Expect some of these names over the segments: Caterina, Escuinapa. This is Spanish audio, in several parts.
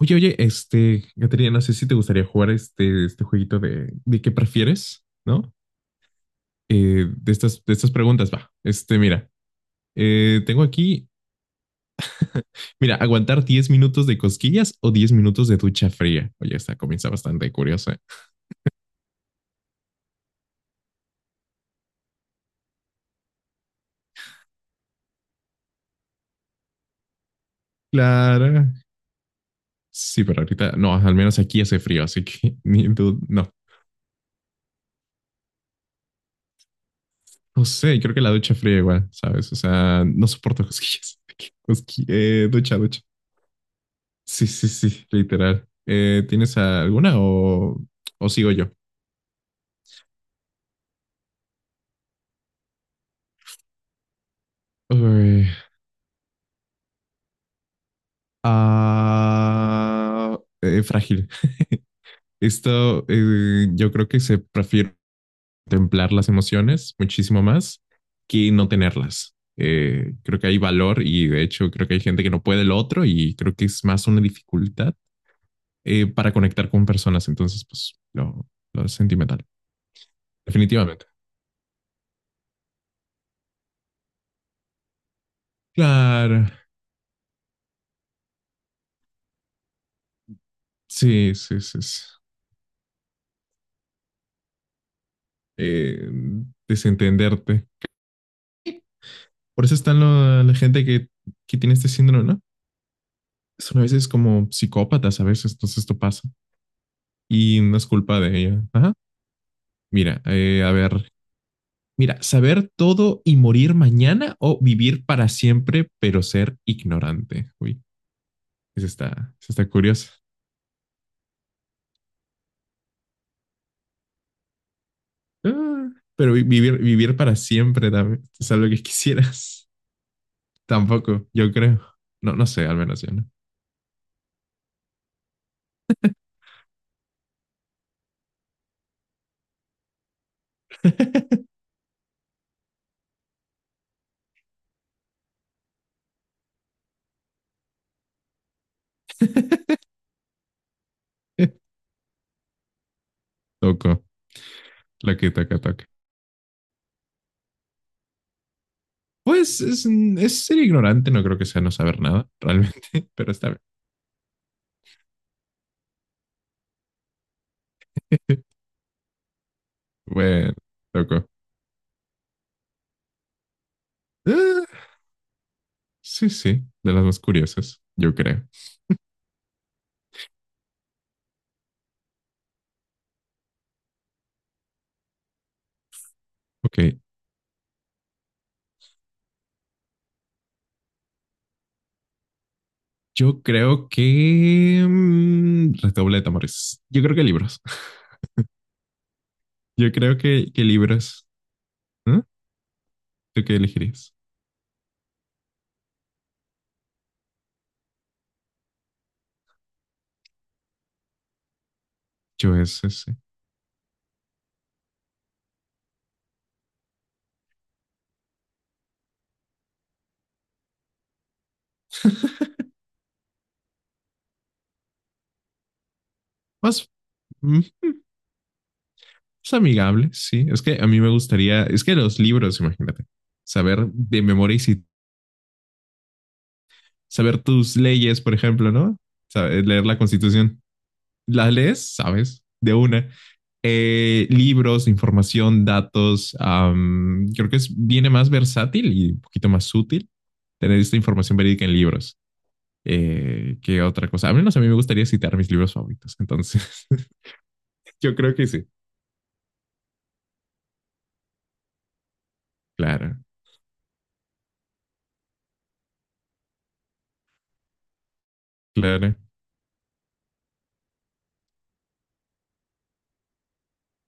Oye, oye, Caterina, no sé si te gustaría jugar este jueguito de qué prefieres, ¿no? De estas preguntas, va. Mira, tengo aquí, mira, aguantar 10 minutos de cosquillas o 10 minutos de ducha fría. Oye, esta comienza bastante curiosa. Claro. Sí, pero ahorita, no, al menos aquí hace frío, así que ni tú, no. No sé, creo que la ducha fría igual, ¿sabes? O sea, no soporto cosquillas. Ducha, ducha. Sí, sí, sí, literal. ¿Tienes alguna o sigo yo? Uy, frágil. Esto Yo creo que se prefiere contemplar las emociones muchísimo más que no tenerlas. Creo que hay valor y de hecho creo que hay gente que no puede lo otro y creo que es más una dificultad para conectar con personas. Entonces, pues lo sentimental. Definitivamente. Claro. Sí, sí, sí, sí. eh, Desentenderte. Por eso están la gente que tiene este síndrome, ¿no? Son a veces como psicópatas, a veces, entonces esto pasa. Y no es culpa de ella. Ajá. Mira, a ver. Mira, saber todo y morir mañana o vivir para siempre, pero ser ignorante. Uy, esa está, esa está curiosa. Ah, pero vivir para siempre también es algo que quisieras. Tampoco, yo creo. No, no sé, al menos yo no. Toco, la que toca, toca. Pues es ser ignorante, no creo que sea no saber nada, realmente, pero está bien. Bueno, loco. Ah, sí, sí, de las más curiosas, yo creo. Ok, yo creo que redoble de tambores. Yo creo que libros. Yo creo que libros. ¿Eh? ¿Tú qué elegirías? Yo es ese. Más, mm, más amigable, sí. Es que a mí me gustaría. Es que los libros, imagínate. Saber de memoria y saber tus leyes, por ejemplo, ¿no? Leer la constitución. Las lees, sabes, de una. Libros, información, datos. Creo que viene más versátil y un poquito más útil tener esta información verídica en libros, que otra cosa. A menos a mí me gustaría citar mis libros favoritos. Entonces, yo creo que sí. Claro, claro,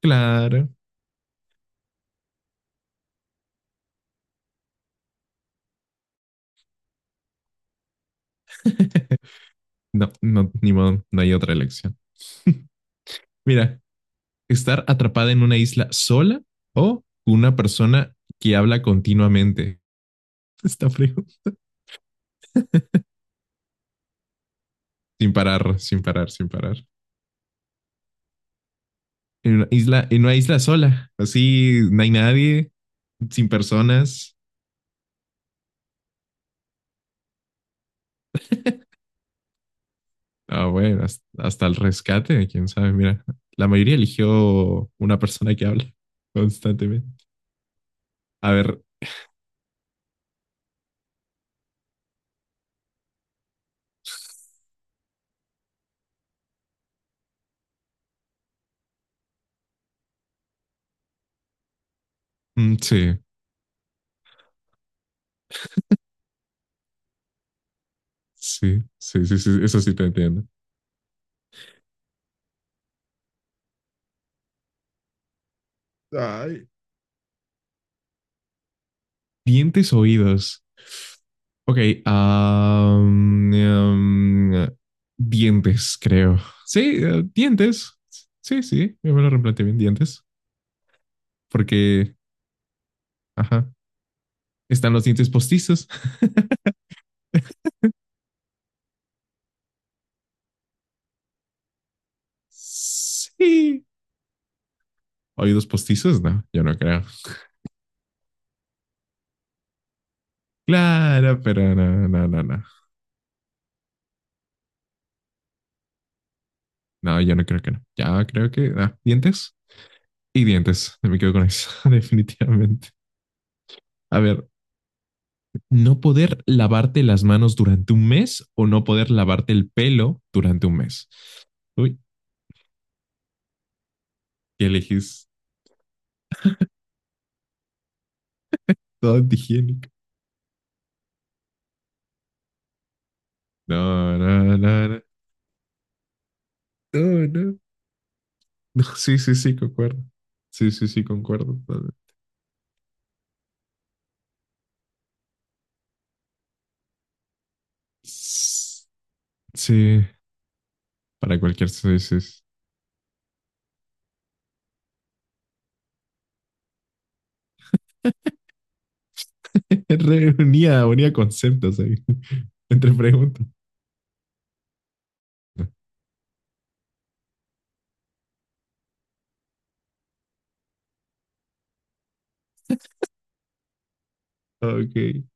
claro. No, no, ni modo, no hay otra elección. Mira, estar atrapada en una isla sola o una persona que habla continuamente. Está frío. Sin parar, sin parar, sin parar. En una isla sola. Así no hay nadie, sin personas. Ah, bueno, hasta el rescate, quién sabe. Mira, la mayoría eligió una persona que habla constantemente. A ver, mm, sí, sí, sí, sí, sí, eso sí te entiendo. Ay. Dientes, oídos. Ok, ah, mm, mm, dientes, creo. Sí, dientes. Sí, sí, yo me lo replanteé bien, dientes. Porque, ajá, están los dientes postizos. Sí. ¿Oídos postizos? No, yo no creo. Claro, pero no, no, no, no. No, yo no creo que no. Ya creo que, dientes y dientes. No. Me quedo con eso, definitivamente. A ver, no poder lavarte las manos durante un mes o no poder lavarte el pelo durante un mes. Uy, ¿qué elegís? Todo antihigiénico. No, no, no, no, no, no. No, sí, sí, sí, concuerdo. Sí, sí, sí, concuerdo. Sí, para cualquier dices. Unía conceptos ahí, entre preguntas. Ok.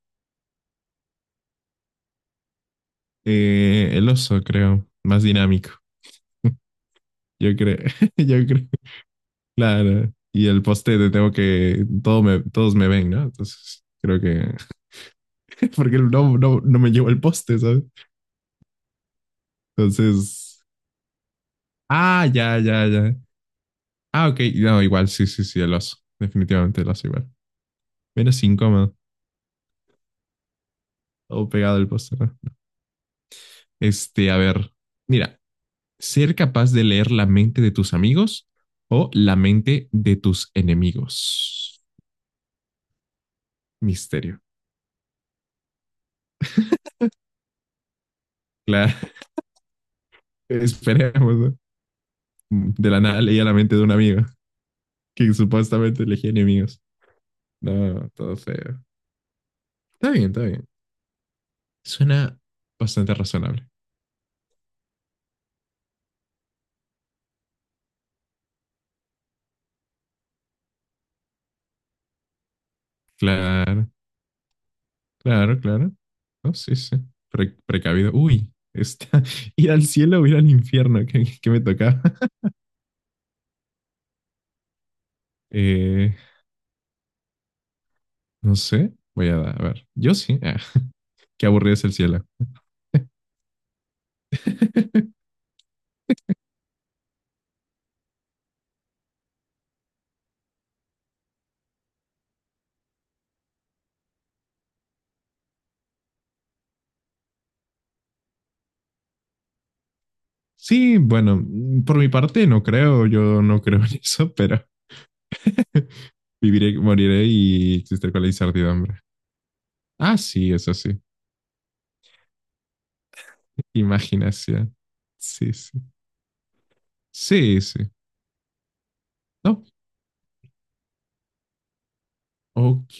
El oso, creo, más dinámico. Yo creo, yo creo, claro. Y el poste de tengo que, todos me ven, ¿no? Entonces, creo que, porque no me llevo el poste, ¿sabes? Entonces, ya, ya, ya. Ah, ok, no, igual, sí, sí, sí, el oso. Definitivamente el oso igual. Menos incómodo, todo pegado al poste, ¿no? A ver, mira, ser capaz de leer la mente de tus amigos o la mente de tus enemigos. Misterio. Claro, esperemos, ¿no? De la nada leía la mente de un amigo que supuestamente elegía enemigos. No, todo feo. Está bien, está bien. Suena bastante razonable. Claro, claro, claro. No, sí, sí. Precavido. Uy, está. Ir al cielo o ir al infierno, que, me tocaba. Eh, No sé, voy a ver. Yo sí. Ah, qué aburrido es el cielo. Sí, bueno, por mi parte no creo, yo no creo en eso, pero viviré, moriré y existiré con la incertidumbre. Ah, sí, eso sí. Imaginación. Sí, sí. Sí, sí. No. Ok.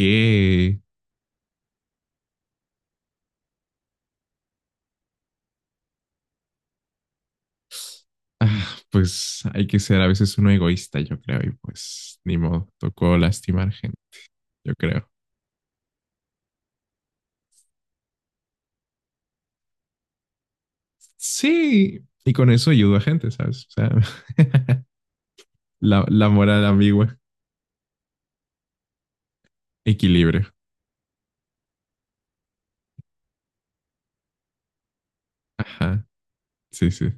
Ah, pues hay que ser a veces uno egoísta, yo creo, y pues ni modo, tocó lastimar gente, yo creo. Sí, y con eso ayudo a gente, ¿sabes? O sea, la moral ambigua. Equilibrio. Ajá. Sí, sí.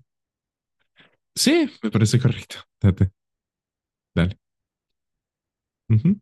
Sí, me parece correcto. Dale. Ujú.